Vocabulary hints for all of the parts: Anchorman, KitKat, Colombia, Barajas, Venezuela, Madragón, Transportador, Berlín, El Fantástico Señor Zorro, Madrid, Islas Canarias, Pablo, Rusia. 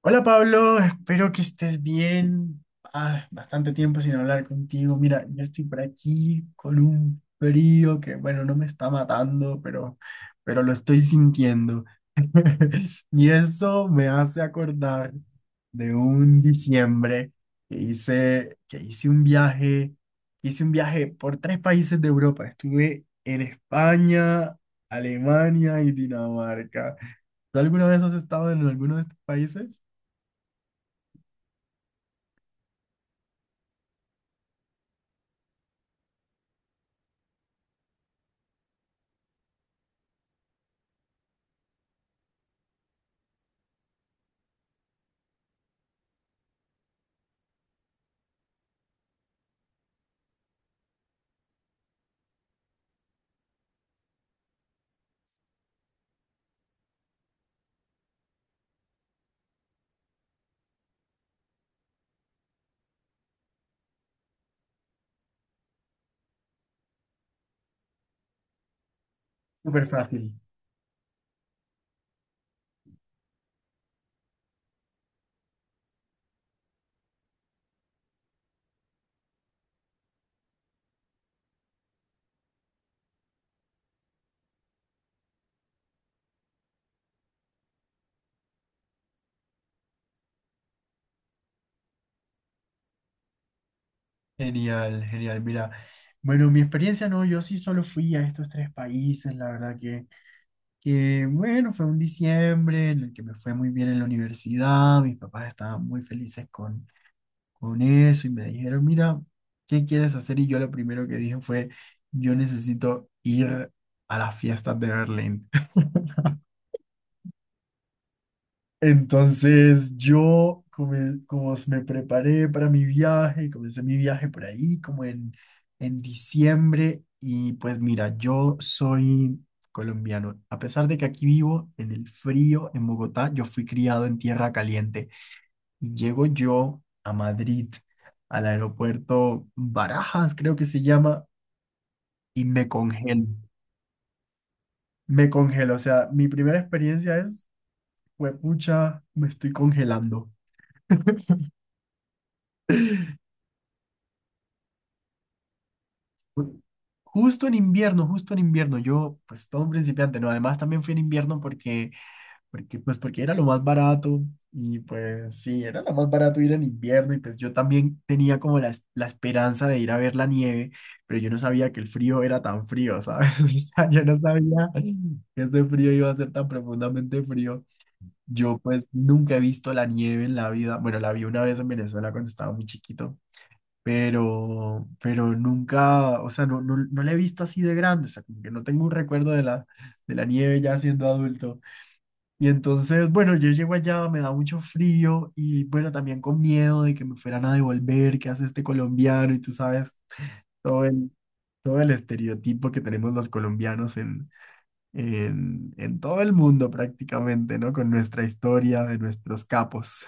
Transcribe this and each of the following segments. Hola Pablo, espero que estés bien. Ah, bastante tiempo sin hablar contigo. Mira, yo estoy por aquí con un frío que, bueno, no me está matando, pero lo estoy sintiendo. Y eso me hace acordar de un diciembre que hice un viaje por tres países de Europa. Estuve en España, Alemania y Dinamarca. ¿Tú alguna vez has estado en alguno de estos países? Súper fácil. Genial, genial. Mira, bueno, mi experiencia no, yo sí solo fui a estos tres países, la verdad que bueno, fue un diciembre en el que me fue muy bien en la universidad, mis papás estaban muy felices con eso y me dijeron, mira, ¿qué quieres hacer? Y yo lo primero que dije fue, yo necesito ir a las fiestas de Berlín. Entonces yo, como me preparé para mi viaje, comencé mi viaje por ahí, como en diciembre, y pues mira, yo soy colombiano. A pesar de que aquí vivo en el frío, en Bogotá, yo fui criado en tierra caliente. Y llego yo a Madrid, al aeropuerto Barajas, creo que se llama, y me congelo. Me congelo, o sea, mi primera experiencia es, pucha, me estoy congelando. Ju- justo en invierno, yo pues todo un principiante, ¿no? Además también fui en invierno porque era lo más barato y pues sí, era lo más barato ir en invierno y pues yo también tenía como la esperanza de ir a ver la nieve, pero yo no sabía que el frío era tan frío, ¿sabes? O sea, yo no sabía que ese frío iba a ser tan profundamente frío. Yo pues nunca he visto la nieve en la vida, bueno, la vi una vez en Venezuela cuando estaba muy chiquito pero nunca, o sea, no, no, no la he visto así de grande, o sea, como que no tengo un recuerdo de la nieve ya siendo adulto. Y entonces, bueno, yo llego allá, me da mucho frío y bueno, también con miedo de que me fueran a devolver, que hace este colombiano? Y tú sabes, todo el, todo el estereotipo que tenemos los colombianos en todo el mundo prácticamente, ¿no? Con nuestra historia de nuestros capos.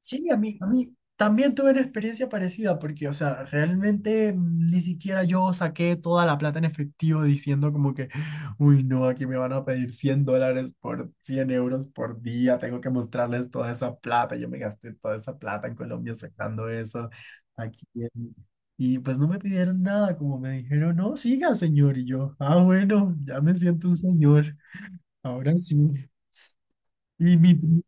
Sí, a mí también tuve una experiencia parecida porque, o sea, realmente ni siquiera yo saqué toda la plata en efectivo diciendo como que, uy, no, aquí me van a pedir $100, por 100 € por día, tengo que mostrarles toda esa plata, yo me gasté toda esa plata en Colombia sacando eso aquí. Y pues no me pidieron nada, como me dijeron, no, siga, señor. Y yo, ah, bueno, ya me siento un señor, ahora sí. Y mi...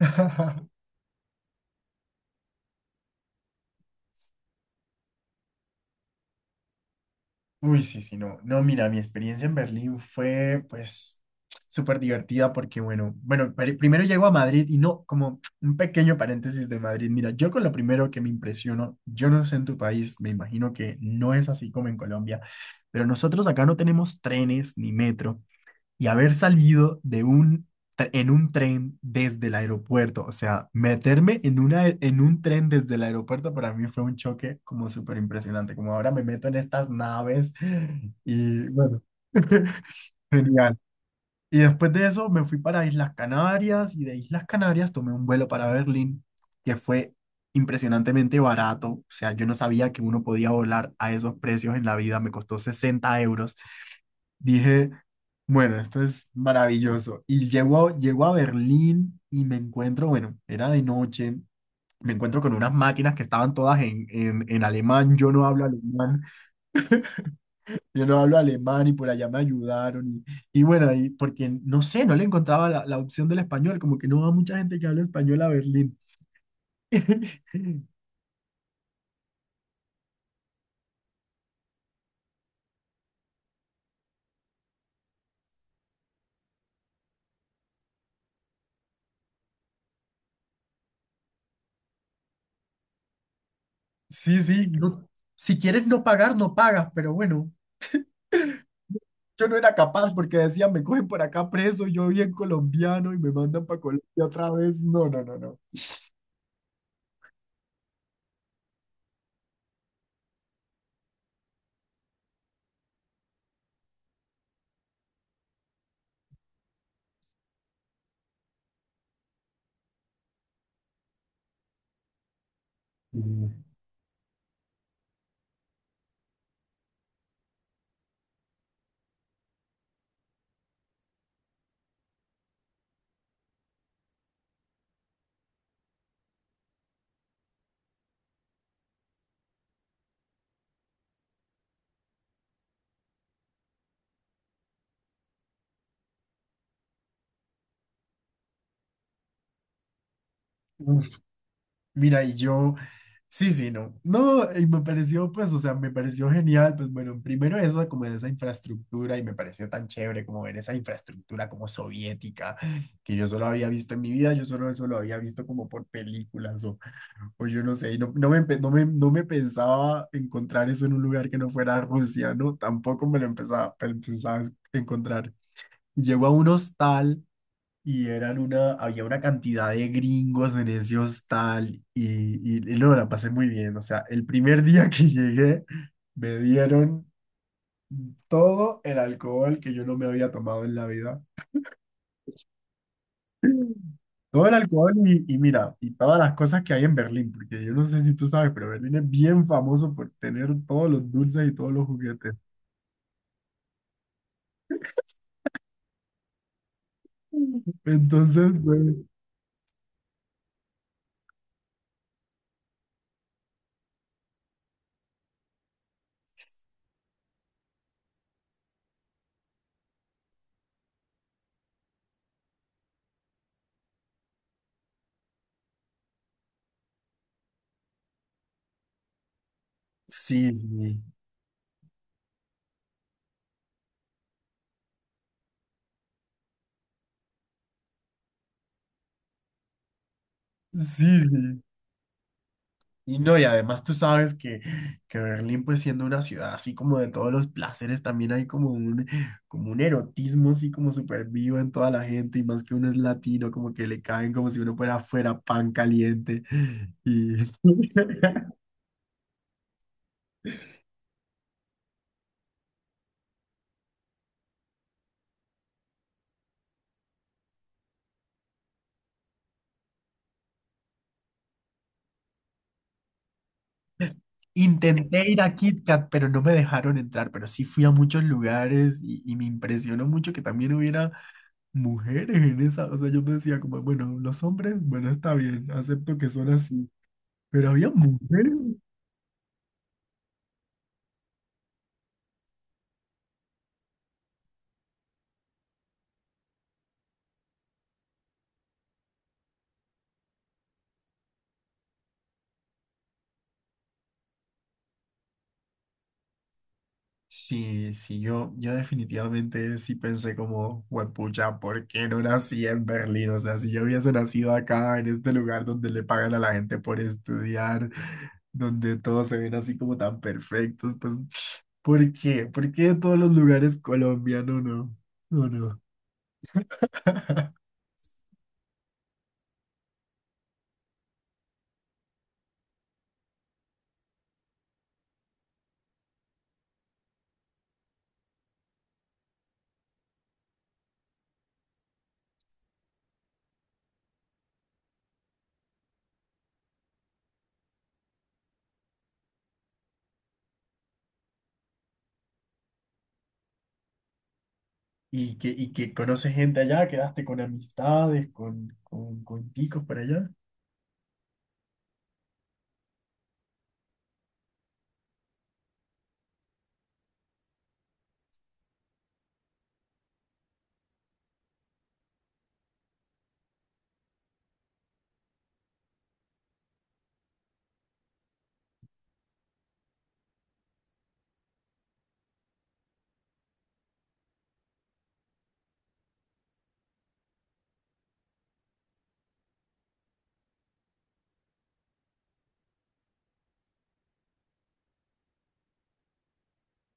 Uy, sí, sí, no. No, mira, mi experiencia en Berlín fue, pues, súper divertida porque, bueno, bueno, primero llego a Madrid y no, como un pequeño paréntesis de Madrid. Mira, yo con lo primero que me impresiono, yo no sé en tu país, me imagino que no es así como en Colombia, pero nosotros acá no tenemos trenes ni metro y haber salido en un tren desde el aeropuerto. O sea, meterme en un tren desde el aeropuerto para mí fue un choque como súper impresionante. Como ahora me meto en estas naves y bueno, genial. Y después de eso me fui para Islas Canarias y de Islas Canarias tomé un vuelo para Berlín que fue impresionantemente barato. O sea, yo no sabía que uno podía volar a esos precios en la vida. Me costó 60 €. Dije, bueno, esto es maravilloso. Y llego a, llego a Berlín y me encuentro, bueno, era de noche, me encuentro con unas máquinas que estaban todas en alemán. Yo no hablo alemán, yo no hablo alemán y por allá me ayudaron. Y bueno, y porque no sé, no le encontraba la, la opción del español, como que no va mucha gente que habla español a Berlín. Sí, sí, no, si quieres no pagar, no pagas, pero bueno, yo no era capaz porque decían, me cogen por acá preso, yo bien colombiano y me mandan para Colombia otra vez. No, no, no, no. Mm. Uf, mira, y yo, sí, sí, no. No, y me pareció, pues, o sea, me pareció genial, pues bueno, primero eso, como de esa infraestructura, y me pareció tan chévere como ver esa infraestructura como soviética, que yo solo había visto en mi vida, yo solo eso lo había visto como por películas o pues yo no sé, y no, no me, empe- no me, no me pensaba encontrar eso en un lugar que no fuera Rusia, ¿no? Tampoco me lo pensaba encontrar. Llego a un hostal y eran una, había una cantidad de gringos en ese hostal y no, la pasé muy bien. O sea, el primer día que llegué me dieron todo el alcohol que yo no me había tomado en la vida. Todo el alcohol y mira, y todas las cosas que hay en Berlín, porque yo no sé si tú sabes, pero Berlín es bien famoso por tener todos los dulces y todos los juguetes. Entonces, pues, sí, sí, sí, sí. Y no, y además tú sabes que Berlín, pues siendo una ciudad así como de todos los placeres, también hay como un erotismo así como súper vivo en toda la gente, y más que uno es latino, como que le caen como si uno fuera pan caliente. Y... Intenté ir a KitKat, pero no me dejaron entrar, pero sí fui a muchos lugares y me impresionó mucho que también hubiera mujeres en esa, o sea, yo me decía como, bueno, los hombres, bueno, está bien, acepto que son así, pero había mujeres. Sí, sí, yo definitivamente sí pensé como, huepucha, ¿por qué no nací en Berlín? O sea, si yo hubiese nacido acá, en este lugar donde le pagan a la gente por estudiar, donde todos se ven así como tan perfectos, pues, ¿por qué? ¿Por qué de todos los lugares Colombia? No, no, no, no. Y que conoces gente allá, quedaste con amistades, con ticos por allá.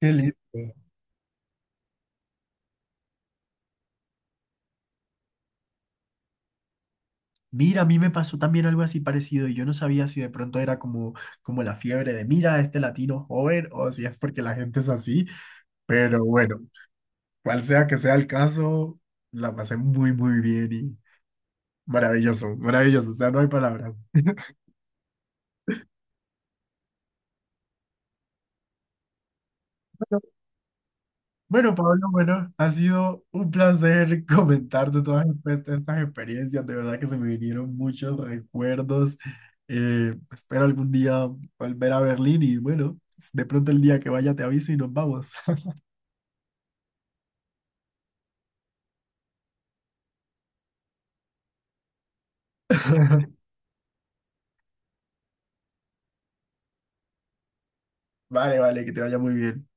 Qué lindo. Mira, a mí me pasó también algo así parecido y yo no sabía si de pronto era como, como la fiebre de mira, este latino joven o si es porque la gente es así, pero bueno, cual sea que sea el caso, la pasé muy, muy bien y maravilloso, maravilloso, o sea, no hay palabras. Bueno, bueno, Pablo, bueno, ha sido un placer comentarte todas estas experiencias. De verdad que se me vinieron muchos recuerdos. Espero algún día volver a Berlín y bueno, de pronto el día que vaya te aviso y nos vamos. Vale, vale, que te vaya muy bien.